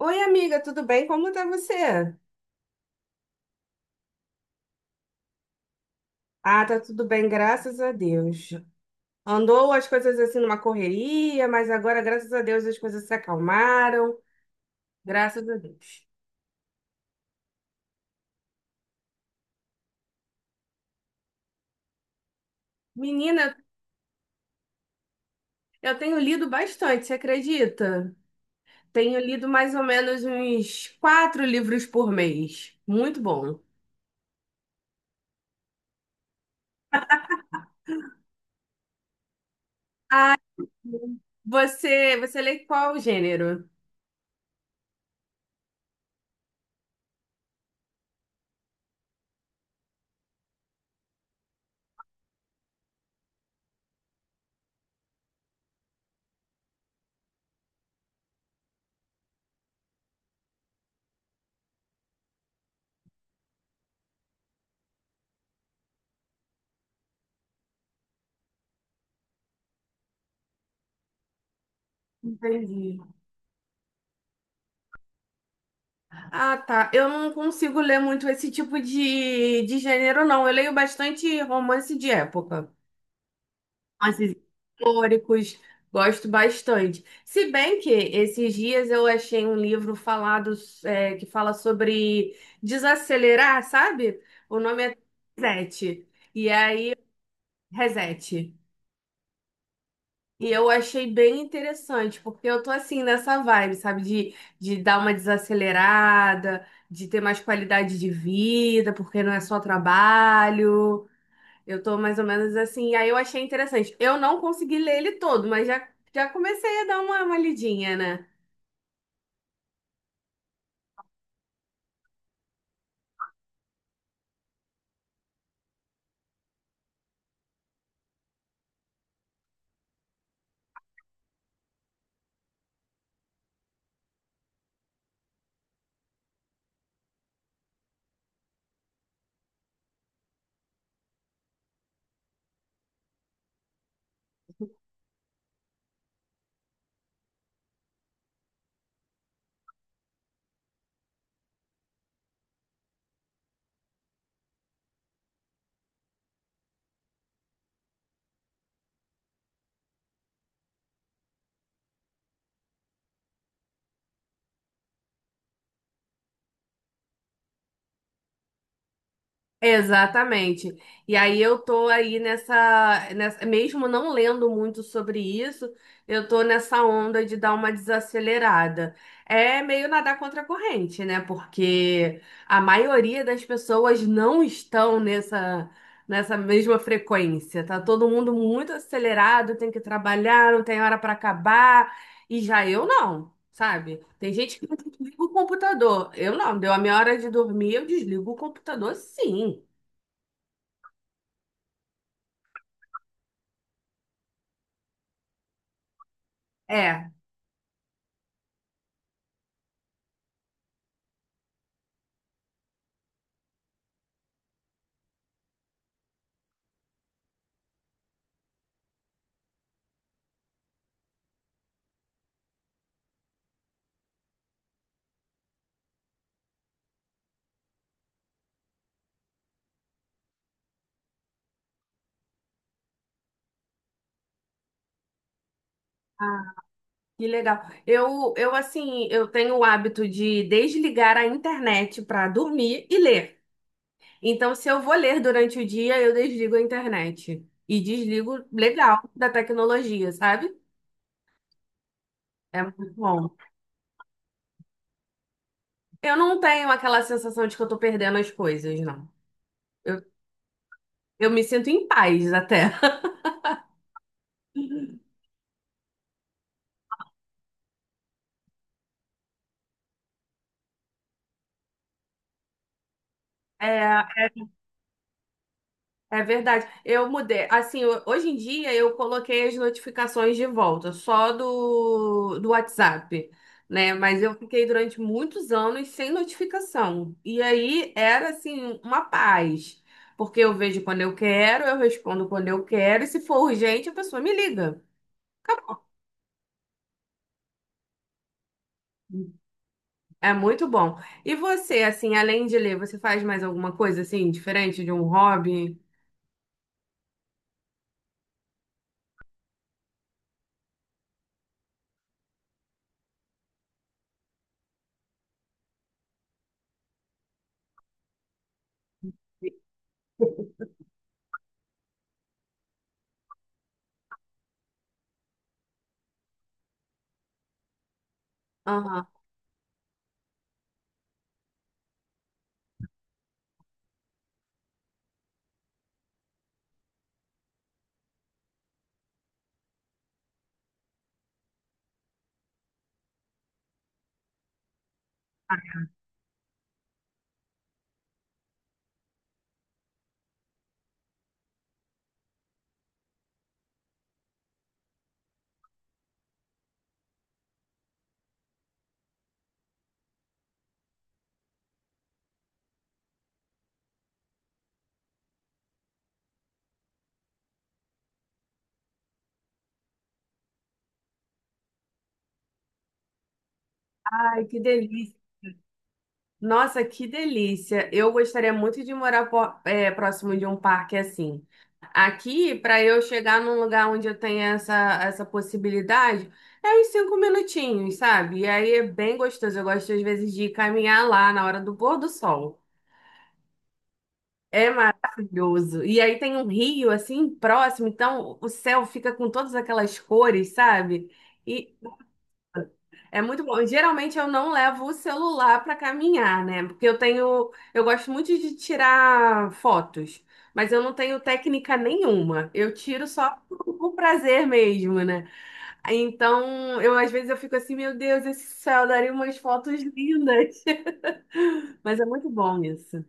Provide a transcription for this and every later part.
Oi, amiga, tudo bem? Como tá você? Ah, tá tudo bem, graças a Deus. Andou as coisas assim numa correria, mas agora, graças a Deus, as coisas se acalmaram. Graças a Deus. Menina, eu tenho lido bastante, você acredita? Tenho lido mais ou menos uns quatro livros por mês. Muito bom. Você lê qual gênero? Entendi. Ah, tá. Eu não consigo ler muito esse tipo de gênero, não. Eu leio bastante romance de época. Romances históricos, gosto bastante. Se bem que esses dias eu achei um livro falado, que fala sobre desacelerar, sabe? O nome é Reset. E aí, Reset. E eu achei bem interessante, porque eu tô assim nessa vibe, sabe? De dar uma desacelerada, de ter mais qualidade de vida, porque não é só trabalho. Eu tô mais ou menos assim. E aí eu achei interessante. Eu não consegui ler ele todo, mas já comecei a dar uma lidinha, né? Exatamente. E aí eu tô aí nessa, nessa, mesmo não lendo muito sobre isso, eu tô nessa onda de dar uma desacelerada. É meio nadar contra a corrente, né? Porque a maioria das pessoas não estão nessa, nessa mesma frequência. Tá todo mundo muito acelerado, tem que trabalhar, não tem hora para acabar, e já eu não. Sabe? Tem gente que desliga o computador. Eu não, deu a minha hora de dormir, eu desligo o computador, sim. É. Ah, que legal. Eu assim, eu tenho o hábito de desligar a internet para dormir e ler. Então, se eu vou ler durante o dia, eu desligo a internet. E desligo legal da tecnologia, sabe? É muito bom. Eu não tenho aquela sensação de que eu tô perdendo as coisas, não. Eu me sinto em paz até. É, é verdade. Eu mudei. Assim, hoje em dia eu coloquei as notificações de volta, só do WhatsApp, né? Mas eu fiquei durante muitos anos sem notificação. E aí era assim uma paz, porque eu vejo quando eu quero, eu respondo quando eu quero, e se for urgente, a pessoa me liga. Acabou. É muito bom. E você, assim, além de ler, você faz mais alguma coisa assim diferente de um hobby? Aham. Ai, que delícia. Nossa, que delícia! Eu gostaria muito de morar próximo de um parque assim. Aqui, para eu chegar num lugar onde eu tenha essa, essa possibilidade, é uns cinco minutinhos, sabe? E aí é bem gostoso. Eu gosto, às vezes, de caminhar lá na hora do pôr do sol. É maravilhoso. E aí tem um rio assim próximo, então o céu fica com todas aquelas cores, sabe? É muito bom. E geralmente eu não levo o celular para caminhar, né? Porque eu tenho, eu gosto muito de tirar fotos, mas eu não tenho técnica nenhuma. Eu tiro só por prazer mesmo, né? Então, eu às vezes eu fico assim, meu Deus, esse céu daria umas fotos lindas. Mas é muito bom isso.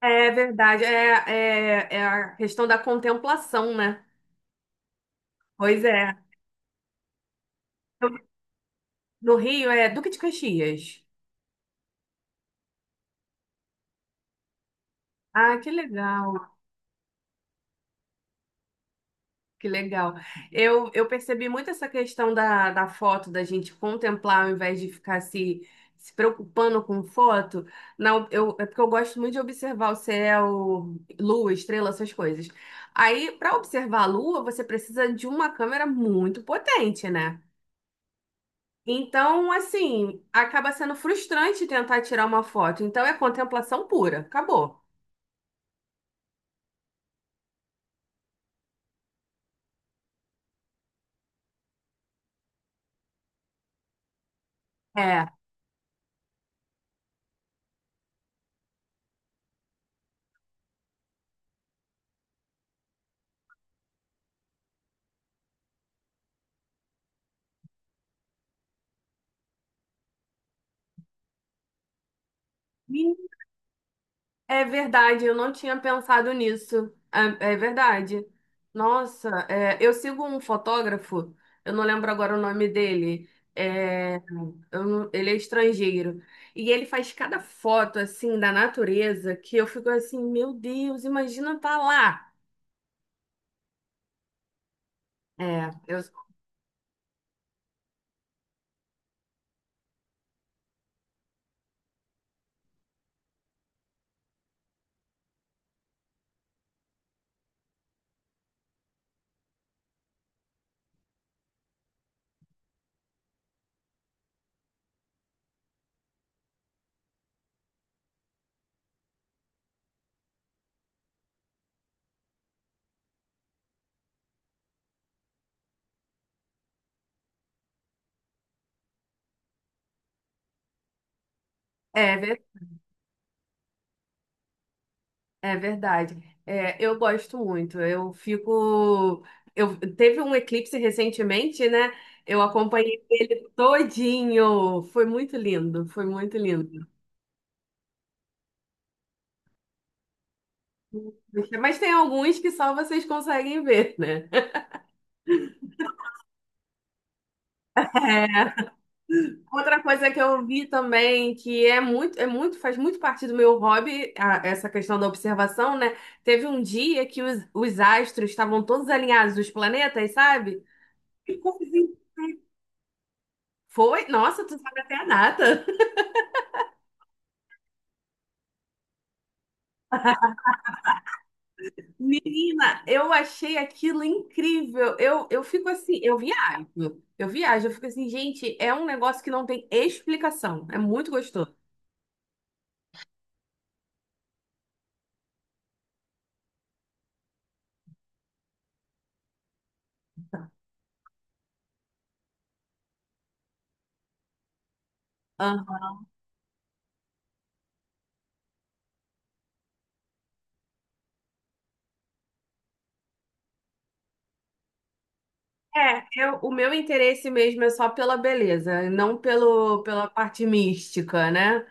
É verdade, é a questão da contemplação, né? Pois é. No Rio é Duque de Caxias. Ah, que legal. Que legal. Eu percebi muito essa questão da, da foto, da gente contemplar ao invés de ficar se preocupando com foto. Não, eu, é porque eu gosto muito de observar o céu, lua, estrela, essas coisas. Aí, para observar a lua, você precisa de uma câmera muito potente, né? Então, assim, acaba sendo frustrante tentar tirar uma foto. Então, é contemplação pura. Acabou. É. É verdade, eu não tinha pensado nisso. É verdade. Eu sigo um fotógrafo, eu não lembro agora o nome dele. é, eu não- ele é estrangeiro. E ele faz cada foto assim da natureza que eu fico assim, meu Deus, imagina tá lá. É, eu, é É verdade. É, eu gosto muito. Eu fico. Eu teve um eclipse recentemente, né? Eu acompanhei ele todinho. Foi muito lindo, foi muito lindo. Mas tem alguns que só vocês conseguem ver, né? É, outra coisa que eu vi também, que é muito, faz muito parte do meu hobby, essa questão da observação, né? Teve um dia que os astros estavam todos alinhados, os planetas, sabe? Que coisa, hein? Foi, nossa, tu sabe até a data. Menina, eu achei aquilo incrível. Eu fico assim, eu viajo. Eu viajo, eu fico assim, gente, é um negócio que não tem explicação. É muito gostoso. Aham. É, o meu interesse mesmo é só pela beleza, não pelo, pela parte mística, né?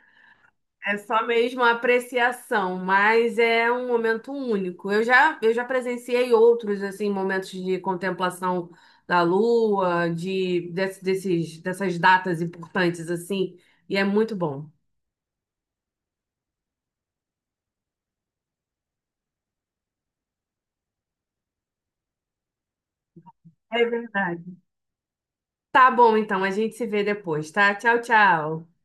É só mesmo a apreciação, mas é um momento único. Eu já presenciei outros assim momentos de contemplação da lua, desses, dessas datas importantes assim, e é muito bom. É verdade. Tá bom, então, a gente se vê depois, tá? Tchau, tchau.